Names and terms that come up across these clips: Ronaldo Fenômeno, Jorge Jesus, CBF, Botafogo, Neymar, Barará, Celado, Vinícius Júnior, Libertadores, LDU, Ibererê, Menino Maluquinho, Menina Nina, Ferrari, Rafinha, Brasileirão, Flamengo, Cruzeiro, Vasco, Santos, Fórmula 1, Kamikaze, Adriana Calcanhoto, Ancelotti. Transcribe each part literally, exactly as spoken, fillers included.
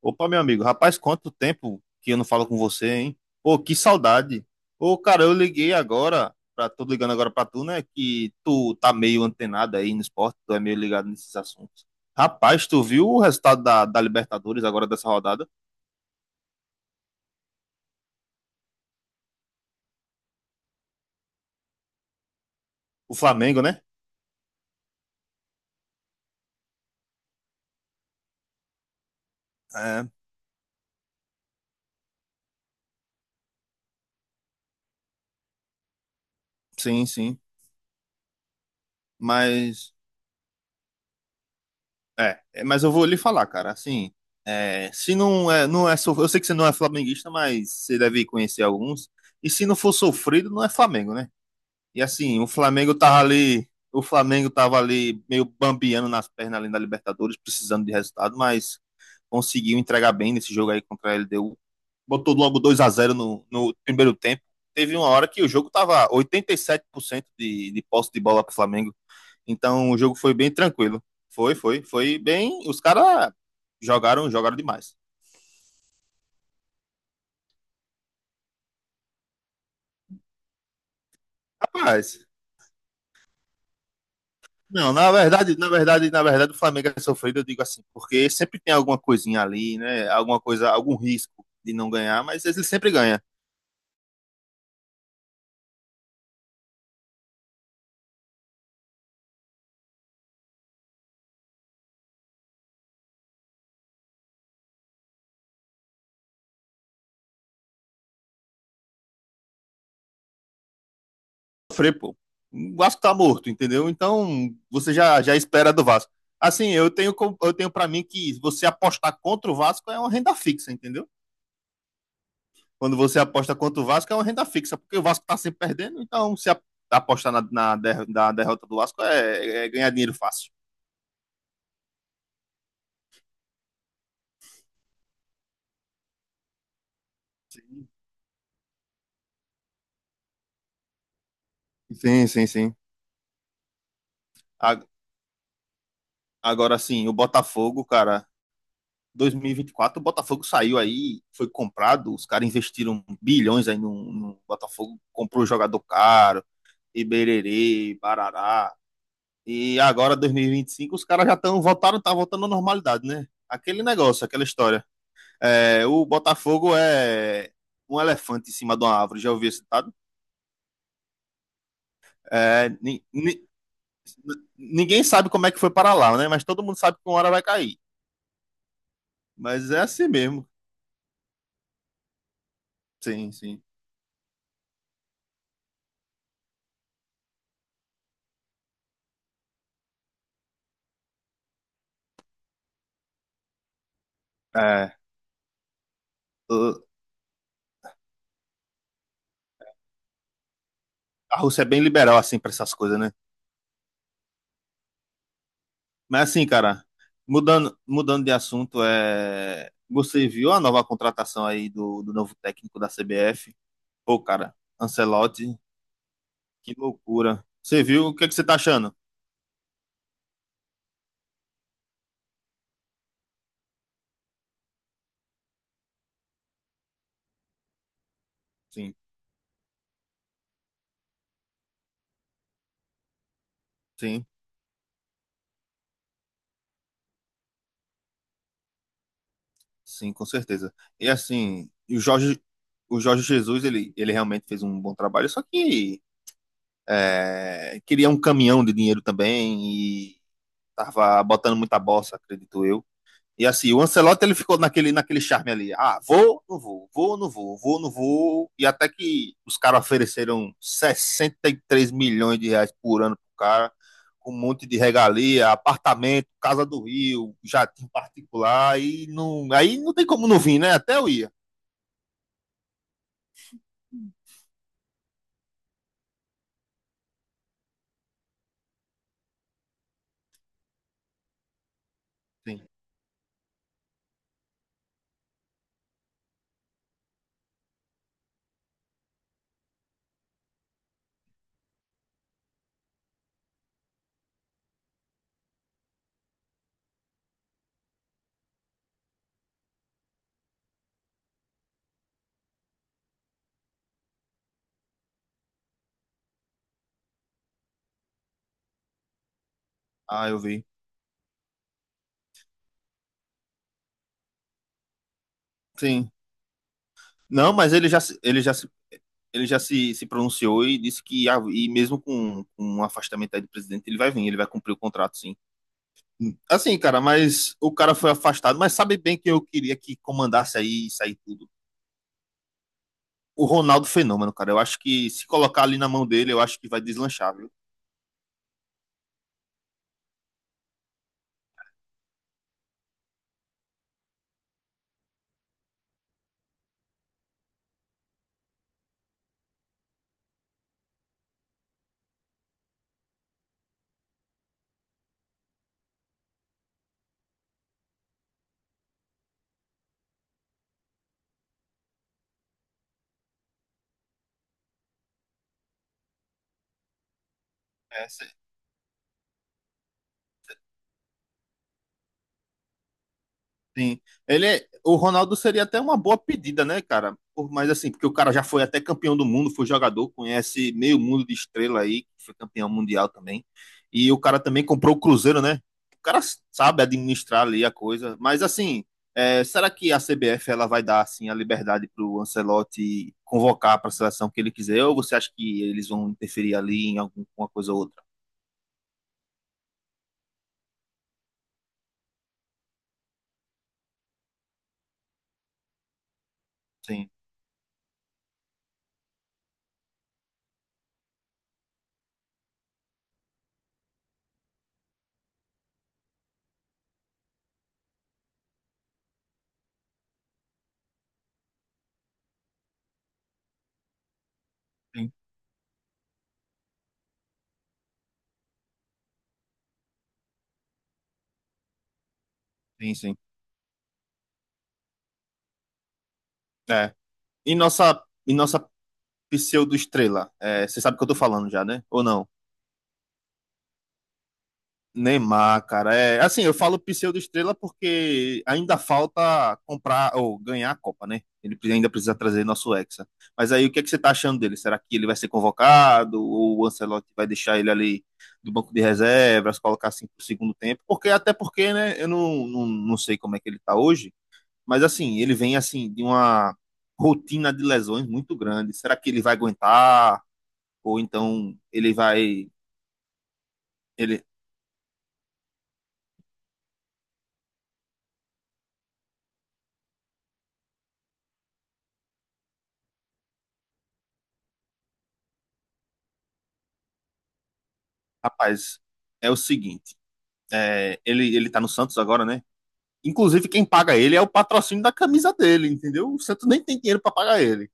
Opa, meu amigo, rapaz, quanto tempo que eu não falo com você, hein? Pô, que saudade. Ô, cara, eu liguei agora, pra, tô ligando agora pra tu, né? Que tu tá meio antenado aí no esporte, tu é meio ligado nesses assuntos. Rapaz, tu viu o resultado da, da Libertadores agora dessa rodada? O Flamengo, né? É, sim, sim. Mas, é, é, mas eu vou lhe falar, cara, assim, é, se não é, não é, so- eu sei que você não é flamenguista, mas você deve conhecer alguns. E se não for sofrido, não é Flamengo, né? E assim, o Flamengo tava ali, o Flamengo tava ali meio bambiando nas pernas ali da Libertadores, precisando de resultado, mas conseguiu entregar bem nesse jogo aí contra a L D U. Botou logo dois a zero no, no primeiro tempo. Teve uma hora que o jogo tava oitenta e sete por cento de, de posse de bola pro Flamengo. Então o jogo foi bem tranquilo. Foi, foi, foi bem. Os caras jogaram, jogaram demais. Rapaz, não, na verdade, na verdade, na verdade, o Flamengo é sofrido, eu digo assim, porque sempre tem alguma coisinha ali, né? Alguma coisa, algum risco de não ganhar, mas ele sempre ganha. Sofrer, pô. O Vasco tá morto, entendeu? Então, você já, já espera do Vasco. Assim, eu tenho, com- eu tenho para mim que você apostar contra o Vasco é uma renda fixa, entendeu? Quando você aposta contra o Vasco é uma renda fixa, porque o Vasco tá sempre perdendo, então se a- apostar na, na, der- na derrota do Vasco é, é ganhar dinheiro fácil. Sim, sim, sim. A- Agora sim, o Botafogo, cara, dois mil e vinte e quatro o Botafogo saiu aí, foi comprado, os caras investiram bilhões aí no, no Botafogo, comprou jogador caro, Ibererê, Barará. E agora, dois mil e vinte e cinco, os caras já estão voltaram, tá voltando à normalidade, né? Aquele negócio, aquela história. É, o Botafogo é um elefante em cima de uma árvore, já ouvi esse ditado? É, ni, ni, ninguém sabe como é que foi para lá, né? Mas todo mundo sabe que uma hora vai cair. Mas é assim mesmo. Sim, sim. É, o- a Rússia é bem liberal assim para essas coisas, né? Mas assim, cara, mudando, mudando de assunto, é... você viu a nova contratação aí do, do novo técnico da C B F? Pô, cara, Ancelotti, que loucura. Você viu? O que é que você tá achando? Sim, sim, sim, com certeza. E assim, o Jorge, o Jorge Jesus, ele, ele realmente fez um bom trabalho, só que é, queria um caminhão de dinheiro também e tava botando muita bossa, acredito eu. E assim, o Ancelotti ele ficou naquele, naquele charme ali. Ah, vou, não vou, vou, não vou, vou, não vou. E até que os caras ofereceram sessenta e três milhões de reais por ano pro cara, com um monte de regalia, apartamento, casa do Rio, jatinho particular, e não. Aí não tem como não vir, né? Até eu ia. Sim. Ah, eu vi. Sim. Não, mas ele já, ele já, ele já se, se pronunciou e disse que, ah, e mesmo com, com um afastamento aí do presidente, ele vai vir, ele vai cumprir o contrato, sim. Assim, cara, mas o cara foi afastado, mas sabe bem que eu queria que comandasse aí isso aí tudo. O Ronaldo Fenômeno, cara. Eu acho que se colocar ali na mão dele, eu acho que vai deslanchar, viu? É, sim. Ele é- o Ronaldo seria até uma boa pedida, né, cara? Por, mas assim, porque o cara já foi até campeão do mundo, foi jogador, conhece meio mundo de estrela aí, que foi campeão mundial também. E o cara também comprou o Cruzeiro, né? O cara sabe administrar ali a coisa. Mas assim, é, será que a C B F ela vai dar assim a liberdade pro Ancelotti convocar para a seleção que ele quiser? Ou você acha que eles vão interferir ali em alguma coisa ou outra? Sim, sim, sim, sim. É. E nossa, e nossa pseudo-estrela. É, você sabe o que eu tô falando já, né? Ou não? Neymar, cara. É, assim, eu falo pseudo-estrela porque ainda falta comprar ou ganhar a Copa, né? Ele ainda precisa trazer nosso Hexa. Mas aí, o que é que você tá achando dele? Será que ele vai ser convocado? Ou o Ancelotti vai deixar ele ali do banco de reservas, colocar assim pro segundo tempo? Porque, até porque, né? Eu não, não, não sei como é que ele tá hoje. Mas, assim, ele vem, assim, de uma rotina de lesões muito grande. Será que ele vai aguentar? Ou então ele vai. Ele, rapaz, é o seguinte: é, ele, ele tá no Santos agora, né? Inclusive, quem paga ele é o patrocínio da camisa dele, entendeu? O Santos nem tem dinheiro para pagar ele.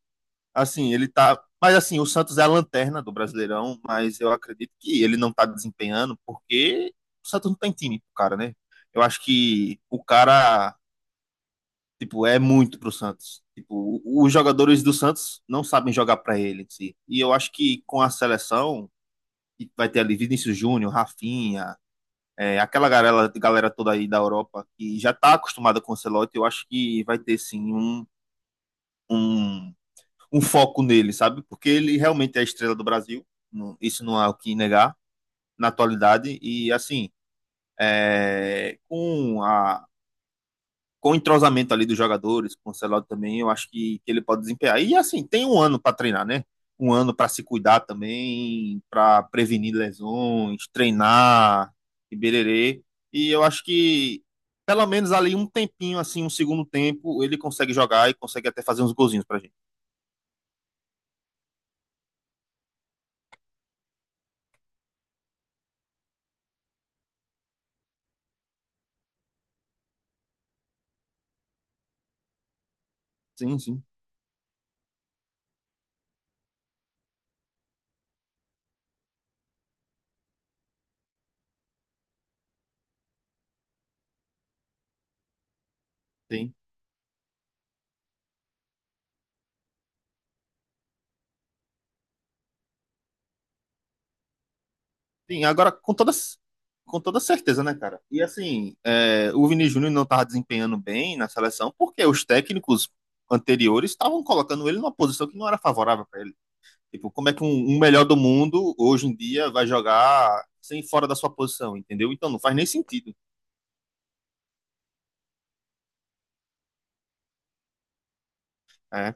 Assim, ele tá. Mas assim, o Santos é a lanterna do Brasileirão, mas eu acredito que ele não tá desempenhando porque o Santos não tem time pro cara, né? Eu acho que o cara, tipo, é muito pro Santos. Tipo, os jogadores do Santos não sabem jogar para ele, em si. E eu acho que com a seleção, que vai ter ali Vinícius Júnior, Rafinha, é, aquela galera, galera toda aí da Europa que já está acostumada com o Ancelotti, eu acho que vai ter sim um, um, um foco nele, sabe? Porque ele realmente é a estrela do Brasil, não, isso não há o que negar na atualidade, e assim, é, com a com o entrosamento ali dos jogadores, com o Celado também, eu acho que, que ele pode desempenhar. E assim, tem um ano para treinar, né? Um ano para se cuidar também, para prevenir lesões, treinar, e bererê. E eu acho que pelo menos ali um tempinho, assim, um segundo tempo, ele consegue jogar e consegue até fazer uns golzinhos pra gente. Sim, sim, sim. Sim, agora com toda, com toda certeza, né, cara? E assim, é, o Vini Júnior não estava desempenhando bem na seleção porque os técnicos anteriores estavam colocando ele numa posição que não era favorável para ele. Tipo, como é que um, um melhor do mundo hoje em dia vai jogar sem fora da sua posição, entendeu? Então não faz nem sentido. É,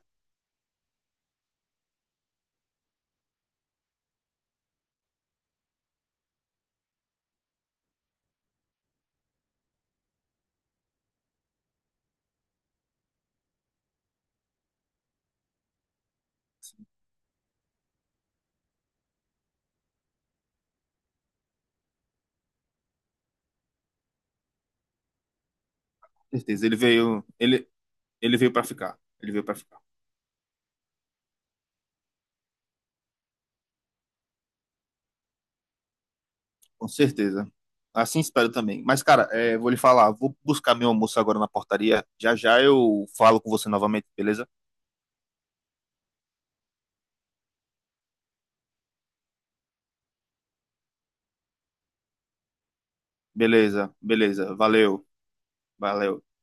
com certeza. Ele veio, ele, ele veio para ficar. Ele veio para ficar. Com certeza. Assim espero também. Mas, cara, é, vou lhe falar, vou buscar meu almoço agora na portaria. Já já eu falo com você novamente, beleza? Beleza, beleza. Valeu, valeu.